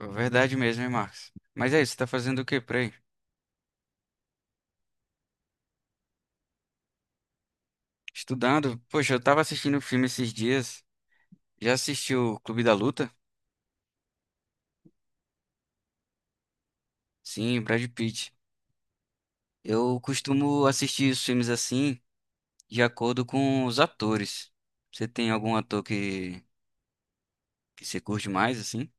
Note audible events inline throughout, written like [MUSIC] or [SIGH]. Verdade mesmo, hein, Marcos? Mas é isso, você tá fazendo o quê por aí? Estudando? Poxa, eu tava assistindo um filme esses dias. Já assistiu o Clube da Luta? Sim, Brad Pitt. Eu costumo assistir os filmes assim, de acordo com os atores. Você tem algum ator que você curte mais, assim?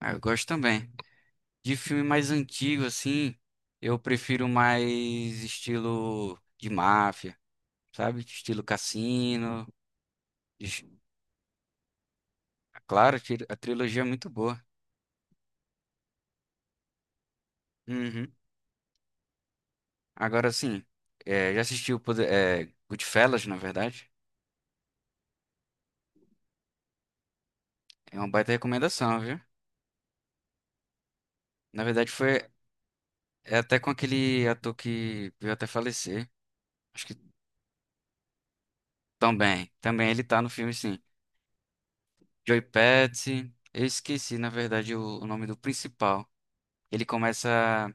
Ah, eu gosto também. De filme mais antigo, assim, eu prefiro mais estilo de máfia, sabe? Estilo cassino. Es- Claro, a trilogia é muito boa. Uhum. Agora sim, já assisti o Goodfellas, na verdade. É uma baita recomendação, viu? Na verdade, foi é até com aquele ator que veio até falecer. Acho que também. Também ele tá no filme, sim. Joey Pesci. Eu esqueci, na verdade, o nome do principal. Ele começa.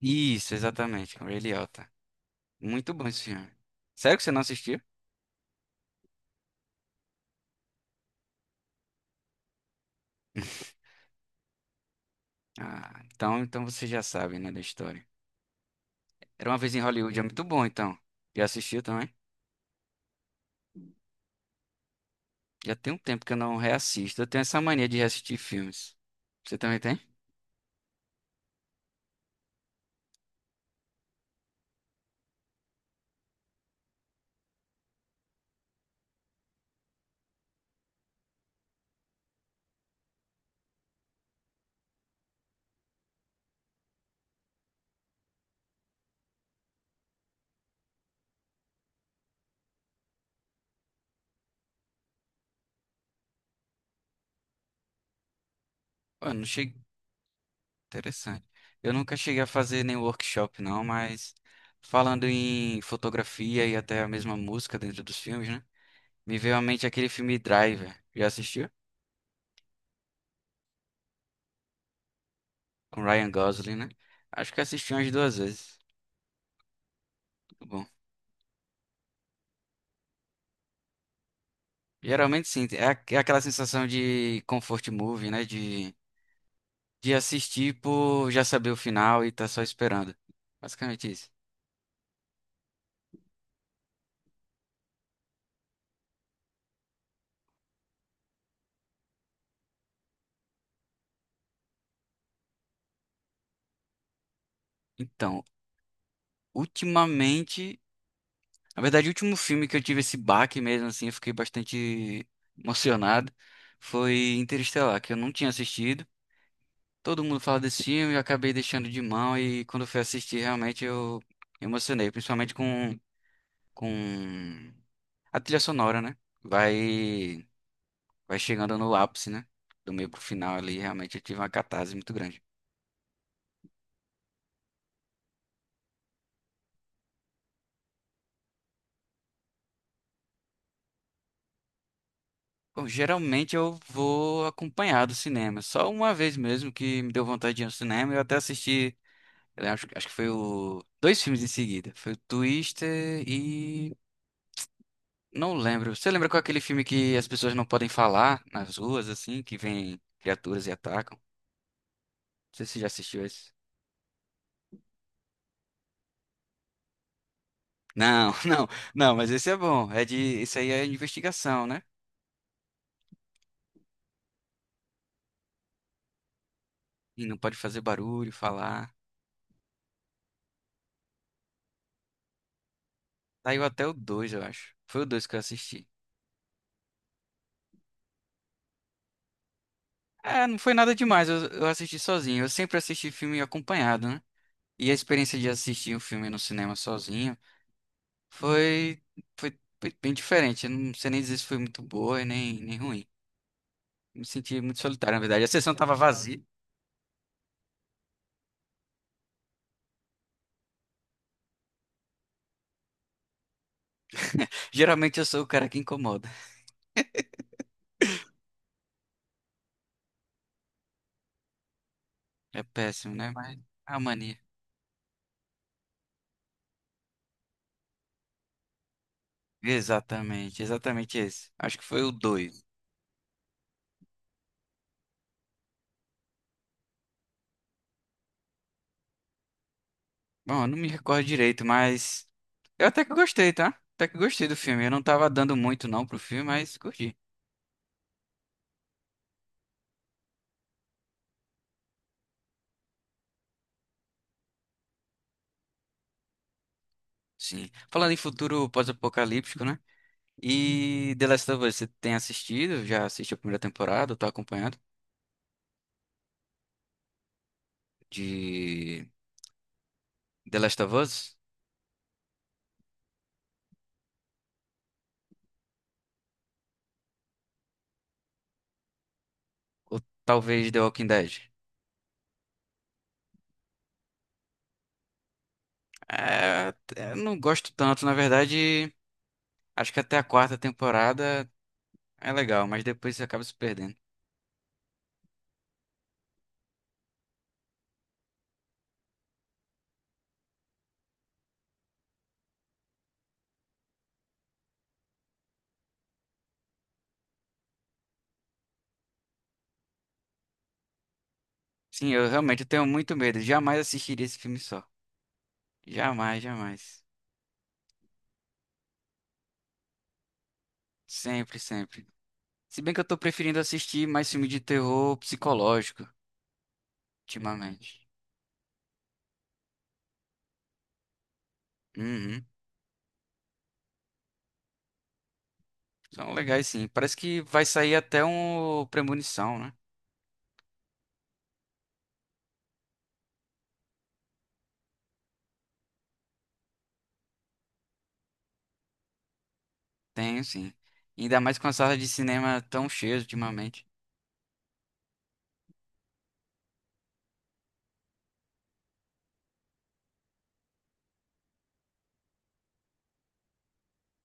Isso, exatamente, com o Ray Liotta. Muito bom esse filme. Sério que você não assistiu? Ah, então você já sabe, né, da história. Era uma vez em Hollywood, é muito bom, então. Já assistiu também? Já tem um tempo que eu não reassisto. Eu tenho essa mania de reassistir filmes. Você também tem? Pô, eu não cheguei. Interessante. Eu nunca cheguei a fazer nenhum workshop, não, mas falando em fotografia e até a mesma música dentro dos filmes, né? Me veio à mente aquele filme Driver. Já assistiu? Com Ryan Gosling, né? Acho que assisti umas duas vezes. Muito bom. Geralmente sim, é é aquela sensação de comfort movie, né? De assistir por já saber o final e tá só esperando. Basicamente isso. Então, ultimamente, na verdade, o último filme que eu tive esse baque mesmo, assim, eu fiquei bastante emocionado, foi Interestelar, que eu não tinha assistido. Todo mundo fala desse filme, eu acabei deixando de mão e quando eu fui assistir, realmente eu me emocionei, principalmente com a trilha sonora, né? Vai, vai chegando no ápice, né? Do meio pro final ali, realmente eu tive uma catarse muito grande. Bom, geralmente eu vou acompanhado do cinema. Só uma vez mesmo que me deu vontade de ir ao cinema. Eu até assisti, eu acho que foi o. Dois filmes em seguida. Foi o Twister e. Não lembro. Você lembra qual é aquele filme que as pessoas não podem falar nas ruas, assim, que vem criaturas e atacam? Não sei se você já assistiu esse. Não, [LAUGHS] não, não, mas esse é bom. É de. Esse aí é investigação, né? E não pode fazer barulho, falar. Saiu até o dois eu acho. Foi o dois que eu assisti. É, não foi nada demais, eu assisti sozinho. Eu sempre assisti filme acompanhado, né? E a experiência de assistir um filme no cinema sozinho. Foi, foi bem diferente. Eu não sei nem dizer se foi muito boa e nem ruim. Me senti muito solitário, na verdade. A sessão tava vazia. Geralmente eu sou o cara que incomoda. É péssimo, né? Mas é a mania. Exatamente, exatamente esse. Acho que foi o dois. Bom, eu não me recordo direito, mas eu até que gostei, tá? Até que gostei do filme. Eu não tava dando muito não pro filme, mas curti. Sim. Falando em futuro pós-apocalíptico, né? E The Last of Us, você tem assistido? Já assistiu a primeira temporada? Tô acompanhando? De The Last of Us? Ou talvez The Walking Dead? É, eu não gosto tanto, na verdade, acho que até a quarta temporada é legal, mas depois você acaba se perdendo. Sim, eu realmente tenho muito medo, jamais assistiria esse filme só. Jamais, jamais. Sempre, sempre. Se bem que eu tô preferindo assistir mais filme de terror psicológico, ultimamente. Uhum. São legais, sim. Parece que vai sair até um Premonição, né? Tenho, sim. Ainda mais com a sala de cinema tão cheia ultimamente.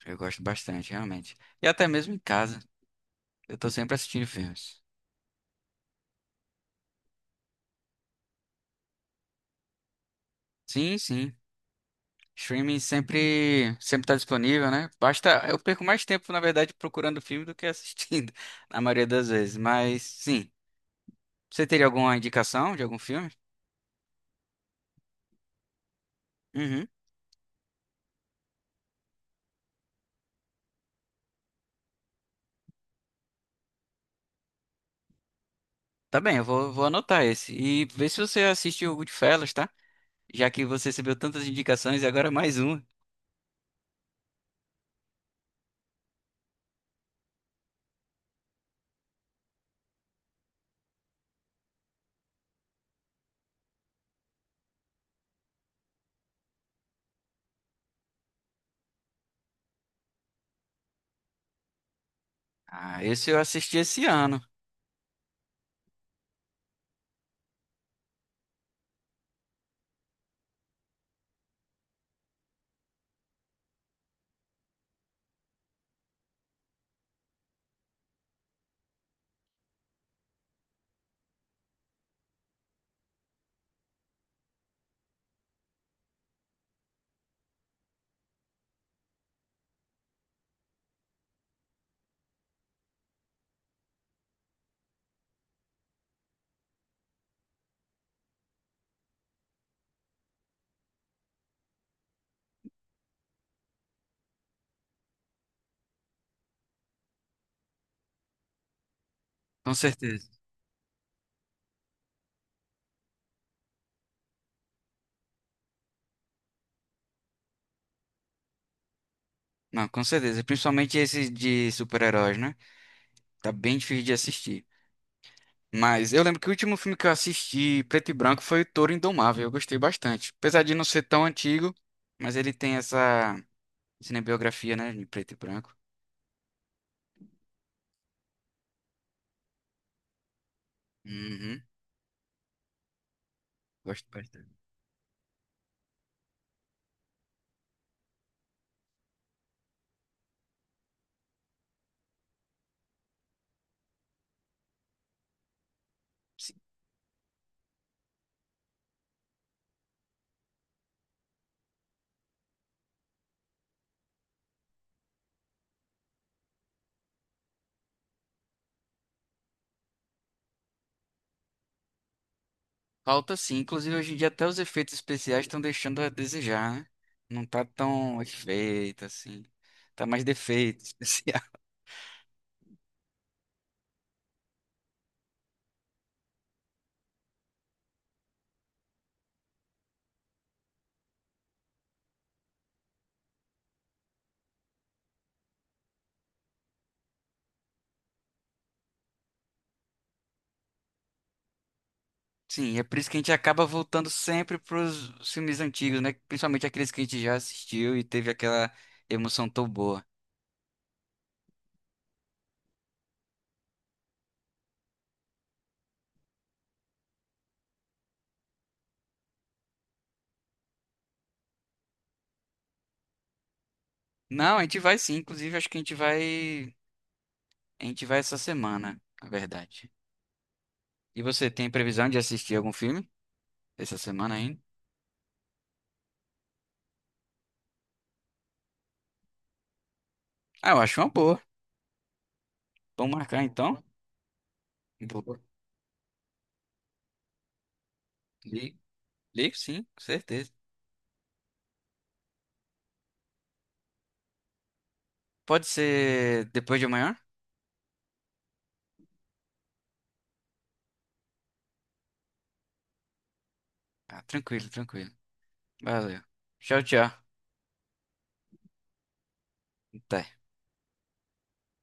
Eu gosto bastante, realmente. E até mesmo em casa, eu tô sempre assistindo filmes. Sim, sim. Streaming sempre, sempre tá disponível, né? Basta, eu perco mais tempo, na verdade, procurando filme do que assistindo, [LAUGHS] na maioria das vezes. Mas, sim. Você teria alguma indicação de algum filme? Uhum. Tá bem, eu vou anotar esse. E vê se você assistiu o Goodfellas, tá? Já que você recebeu tantas indicações e agora mais uma. Ah, esse eu assisti esse ano, com certeza. Não, com certeza. Principalmente esse de super-heróis, né? Tá bem difícil de assistir. Mas eu lembro que o último filme que eu assisti, preto e branco, foi O Touro Indomável. Eu gostei bastante. Apesar de não ser tão antigo, mas ele tem essa cinebiografia, né, em preto e branco. Uhum, gosto bastante. Sim. Falta sim. Inclusive, hoje em dia, até os efeitos especiais estão deixando a desejar, né? Não tá tão efeito assim. Tá mais defeito [LAUGHS] especial. Sim, é por isso que a gente acaba voltando sempre pros filmes antigos, né? Principalmente aqueles que a gente já assistiu e teve aquela emoção tão boa. Não, a gente vai sim. Inclusive, acho que a gente vai. A gente vai essa semana, na verdade. E você tem previsão de assistir algum filme essa semana ainda? Ah, eu acho uma boa. Vamos marcar então? Vou- ligo, ligo sim, com certeza. Pode ser depois de amanhã? Ah, tranquilo, tranquilo. Valeu. Tchau, tchau. Até.